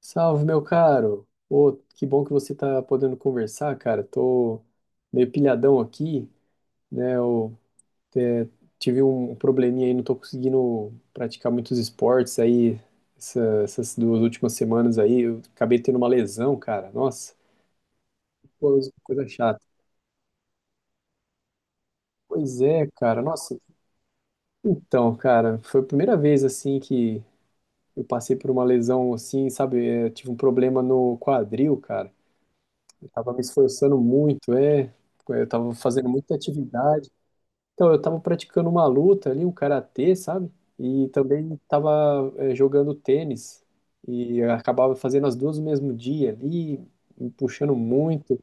Salve, meu caro. Ô, que bom que você tá podendo conversar, cara. Tô meio pilhadão aqui, né? Eu é, tive um probleminha aí, não tô conseguindo praticar muitos esportes aí essas 2 últimas semanas aí. Eu acabei tendo uma lesão, cara. Nossa, coisa chata. Pois é, cara. Nossa, então, cara, foi a primeira vez assim que eu passei por uma lesão assim, sabe? É, tive um problema no quadril, cara. Tava me esforçando muito, é. Eu tava fazendo muita atividade. Então, eu tava praticando uma luta ali, um karatê, sabe? E também tava jogando tênis. E eu acabava fazendo as duas no mesmo dia ali, me puxando muito.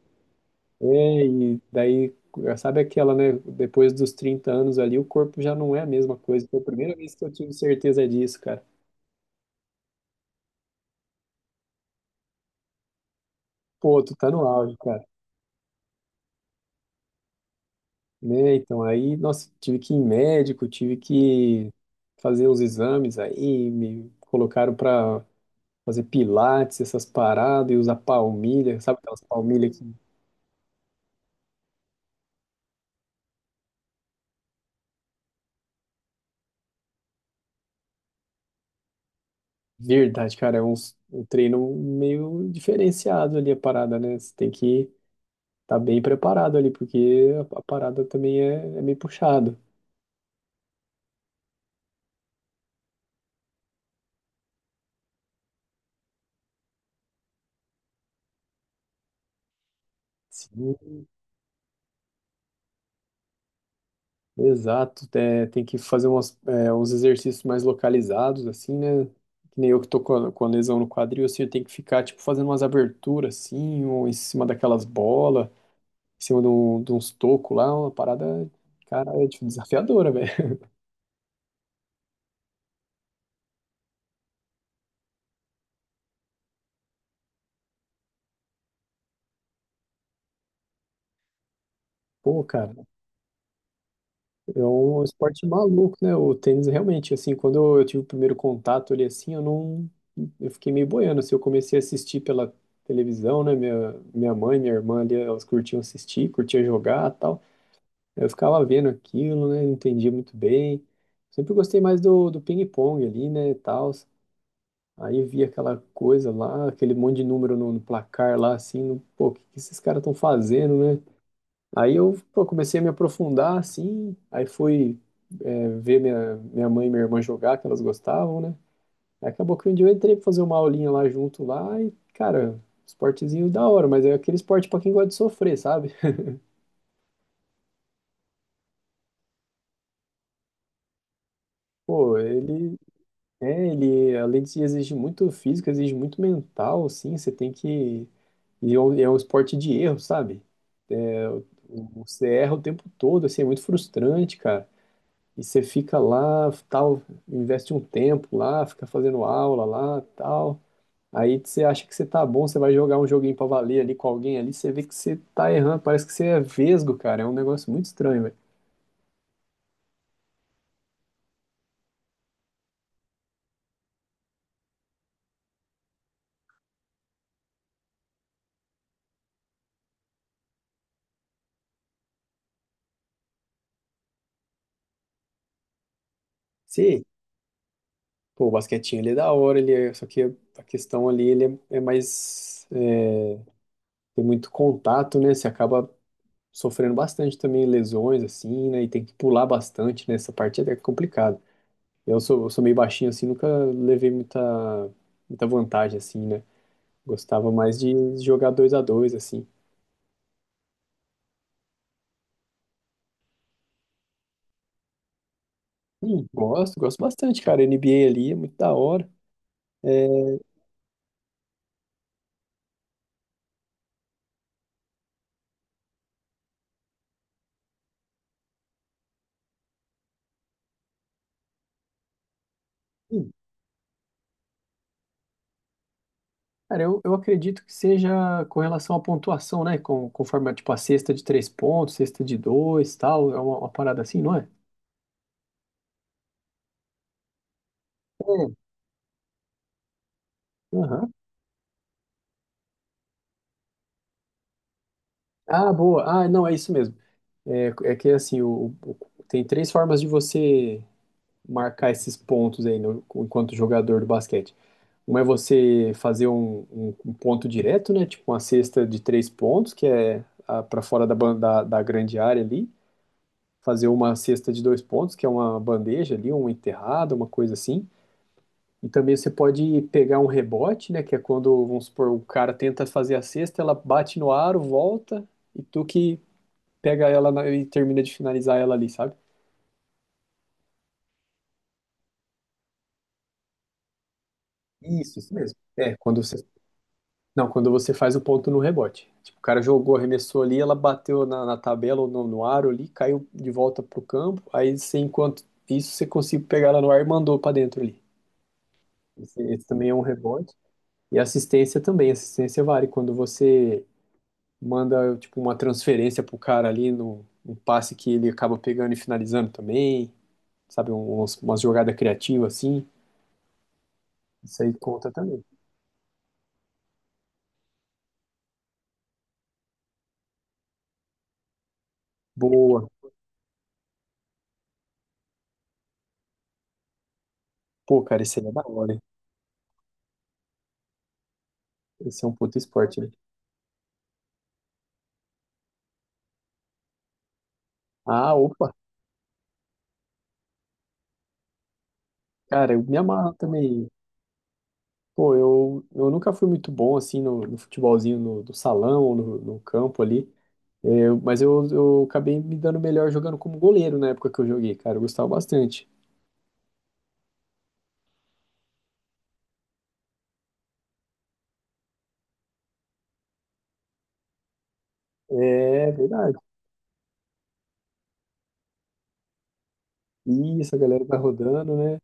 É, e daí, sabe aquela, né? Depois dos 30 anos ali, o corpo já não é a mesma coisa. Foi a primeira vez que eu tive certeza disso, cara. Pô, tu tá no auge, cara, né? Então aí, nossa, tive que ir em médico, tive que fazer uns exames aí, me colocaram para fazer pilates, essas paradas, e usar palmilha, sabe aquelas palmilhas que, verdade, cara, é um treino meio diferenciado ali a parada, né? Você tem que estar bem preparado ali, porque a parada também é meio puxado. Sim, exato, é, tem que fazer uns exercícios mais localizados, assim, né? Que nem eu que tô com a lesão no quadril, assim, eu tenho que ficar, tipo, fazendo umas aberturas, assim, ou em cima daquelas bolas, em cima de uns tocos lá, uma parada, cara, é, tipo, desafiadora, velho. Pô, cara, é um esporte maluco, né? O tênis, realmente, assim, quando eu, tive o primeiro contato ali, assim, eu não... Eu fiquei meio boiando, assim, eu comecei a assistir pela televisão, né? Minha mãe, minha irmã ali, elas curtiam assistir, curtiam jogar e tal. Eu ficava vendo aquilo, né? Não entendia muito bem. Sempre gostei mais do, ping-pong ali, né? E tal. Aí via aquela coisa lá, aquele monte de número no placar lá, assim, no, pô, o que que esses caras estão fazendo, né? Aí eu, pô, comecei a me aprofundar, assim, aí fui, é, ver minha, mãe e minha irmã jogar, que elas gostavam, né? Aí acabou que um dia eu entrei pra fazer uma aulinha lá junto lá e, cara, esportezinho da hora, mas é aquele esporte pra quem gosta de sofrer, sabe? Pô, ele É, ele, além de exigir muito físico, exige muito mental, assim, você tem que... E é um, esporte de erro, sabe? Você erra o tempo todo, assim, é muito frustrante, cara. E você fica lá, tal, investe um tempo lá, fica fazendo aula lá, tal. Aí você acha que você tá bom, você vai jogar um joguinho pra valer ali com alguém ali, você vê que você tá errando, parece que você é vesgo, cara. É um negócio muito estranho, velho. Sim, pô, o basquetinho ele é da hora, ele é, só que a questão ali ele é mais tem muito contato, né? Você acaba sofrendo bastante também lesões, assim, né? E tem que pular bastante, nessa essa parte é até complicada. Eu sou, meio baixinho, assim, nunca levei muita vantagem, assim, né? Gostava mais de jogar dois a dois, assim. Sim, gosto, gosto bastante, cara. NBA ali é muito da hora. Sim. Cara, eu, acredito que seja com relação à pontuação, né? Com, conforme, tipo, a cesta de três pontos, cesta de dois, tal. É uma, parada assim, não é? É. Aham. Ah, boa. Ah, não, é isso mesmo. É, é que assim, tem três formas de você marcar esses pontos aí no- enquanto jogador do basquete. Uma é você fazer um, um ponto direto, né? Tipo uma cesta de três pontos, que é para fora da grande área ali. Fazer uma cesta de dois pontos, que é uma bandeja ali, uma enterrada, uma coisa assim. E também você pode pegar um rebote, né? Que é quando, vamos supor, o cara tenta fazer a cesta, ela bate no aro, volta, e tu que pega ela na- e termina de finalizar ela ali, sabe? Isso mesmo. É, quando você. Não, quando você faz o ponto no rebote. Tipo, o cara jogou, arremessou ali, ela bateu na tabela ou no aro ali, caiu de volta pro campo. Aí você, enquanto isso, você conseguiu pegar ela no ar e mandou pra dentro ali. Esse, também é um rebote. E assistência também. Assistência vale quando você manda, tipo, uma transferência pro cara ali no, um passe que ele acaba pegando e finalizando também. Sabe, umas, jogadas criativas assim. Isso aí conta também. Boa. Pô, cara, isso aí é da hora, hein? Esse é um puto esporte, né? Ah, opa, cara, eu me amarro também. Pô, eu, nunca fui muito bom assim no futebolzinho no, do salão ou no campo ali. É, mas eu, acabei me dando melhor jogando como goleiro na época que eu joguei, cara. Eu gostava bastante. É verdade. Isso, a galera tá rodando, né?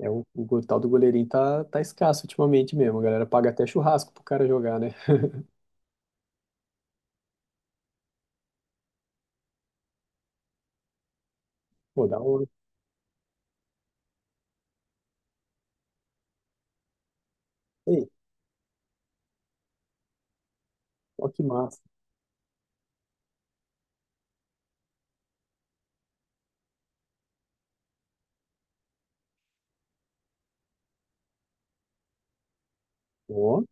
É, o, tal do goleirinho tá escasso ultimamente mesmo. A galera paga até churrasco pro cara jogar, né? Pô, da hora. Ei, ó que massa. Ó.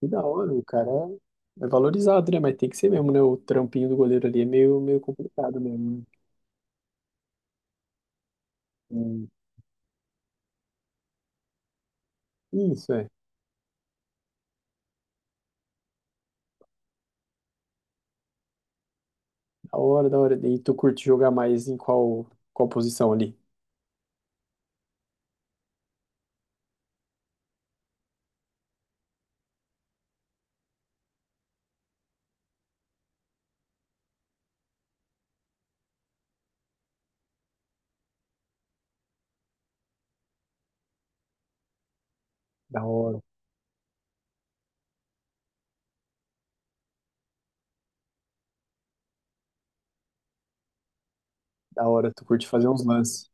Que da hora, o cara é valorizado, né? Mas tem que ser mesmo, né? O trampinho do goleiro ali é meio complicado mesmo. Né? É. É, isso, é. Da hora, da hora. E tu curte jogar mais em qual, qual posição ali? Da hora, da hora. Tu curte fazer uns lances.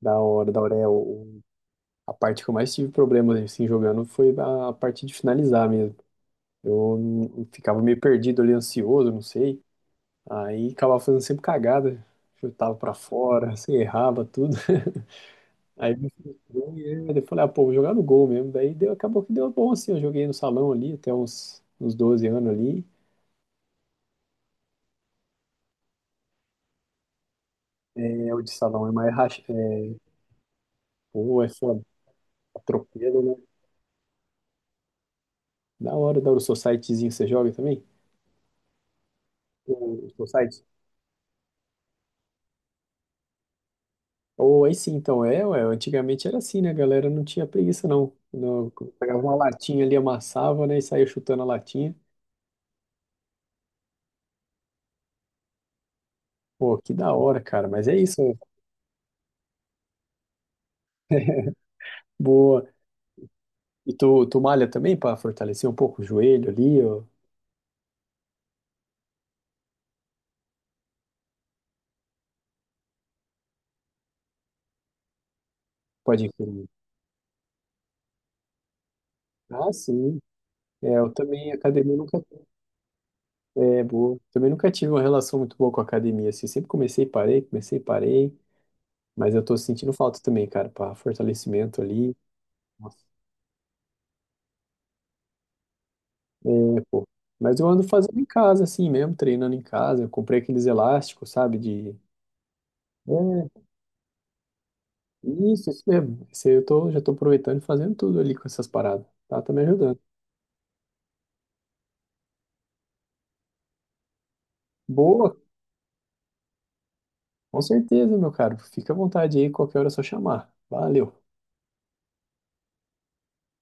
Da hora, da hora. É, a parte que eu mais tive problemas, assim, jogando foi a parte de finalizar mesmo. Eu ficava meio perdido ali, ansioso, não sei. Aí acabava fazendo sempre cagada. Chutava pra fora, assim, errava tudo. Aí me frustrou e aí eu falei, ah, pô, vou jogar no gol mesmo. Daí deu, acabou que deu bom, assim. Eu joguei no salão ali até uns, 12 anos ali. É, o de salão é mais racha, é, pô, é foda, atropelo, né? Da hora, da hora. O societyzinho você joga também? O, society? Ou aí sim, então, é, ué, antigamente era assim, né? A galera não tinha preguiça, não. Pegava uma latinha ali, amassava, né? E saía chutando a latinha. Pô, que da hora, cara. Mas é isso, ó. Boa. E tu, malha também pra fortalecer um pouco o joelho ali, ó? Pode incluir. Ah, sim. É, eu também, academia nunca. É, boa. Também nunca tive uma relação muito boa com a academia, assim. Sempre comecei e parei, comecei e parei. Mas eu tô sentindo falta também, cara, para fortalecimento ali. Nossa. É, pô. Mas eu ando fazendo em casa, assim mesmo, treinando em casa. Eu comprei aqueles elásticos, sabe? De. É, isso mesmo. Isso aí eu tô, já tô aproveitando e fazendo tudo ali com essas paradas. Tá, tá me ajudando. Boa, com certeza, meu caro. Fica à vontade aí, qualquer hora é só chamar. Valeu.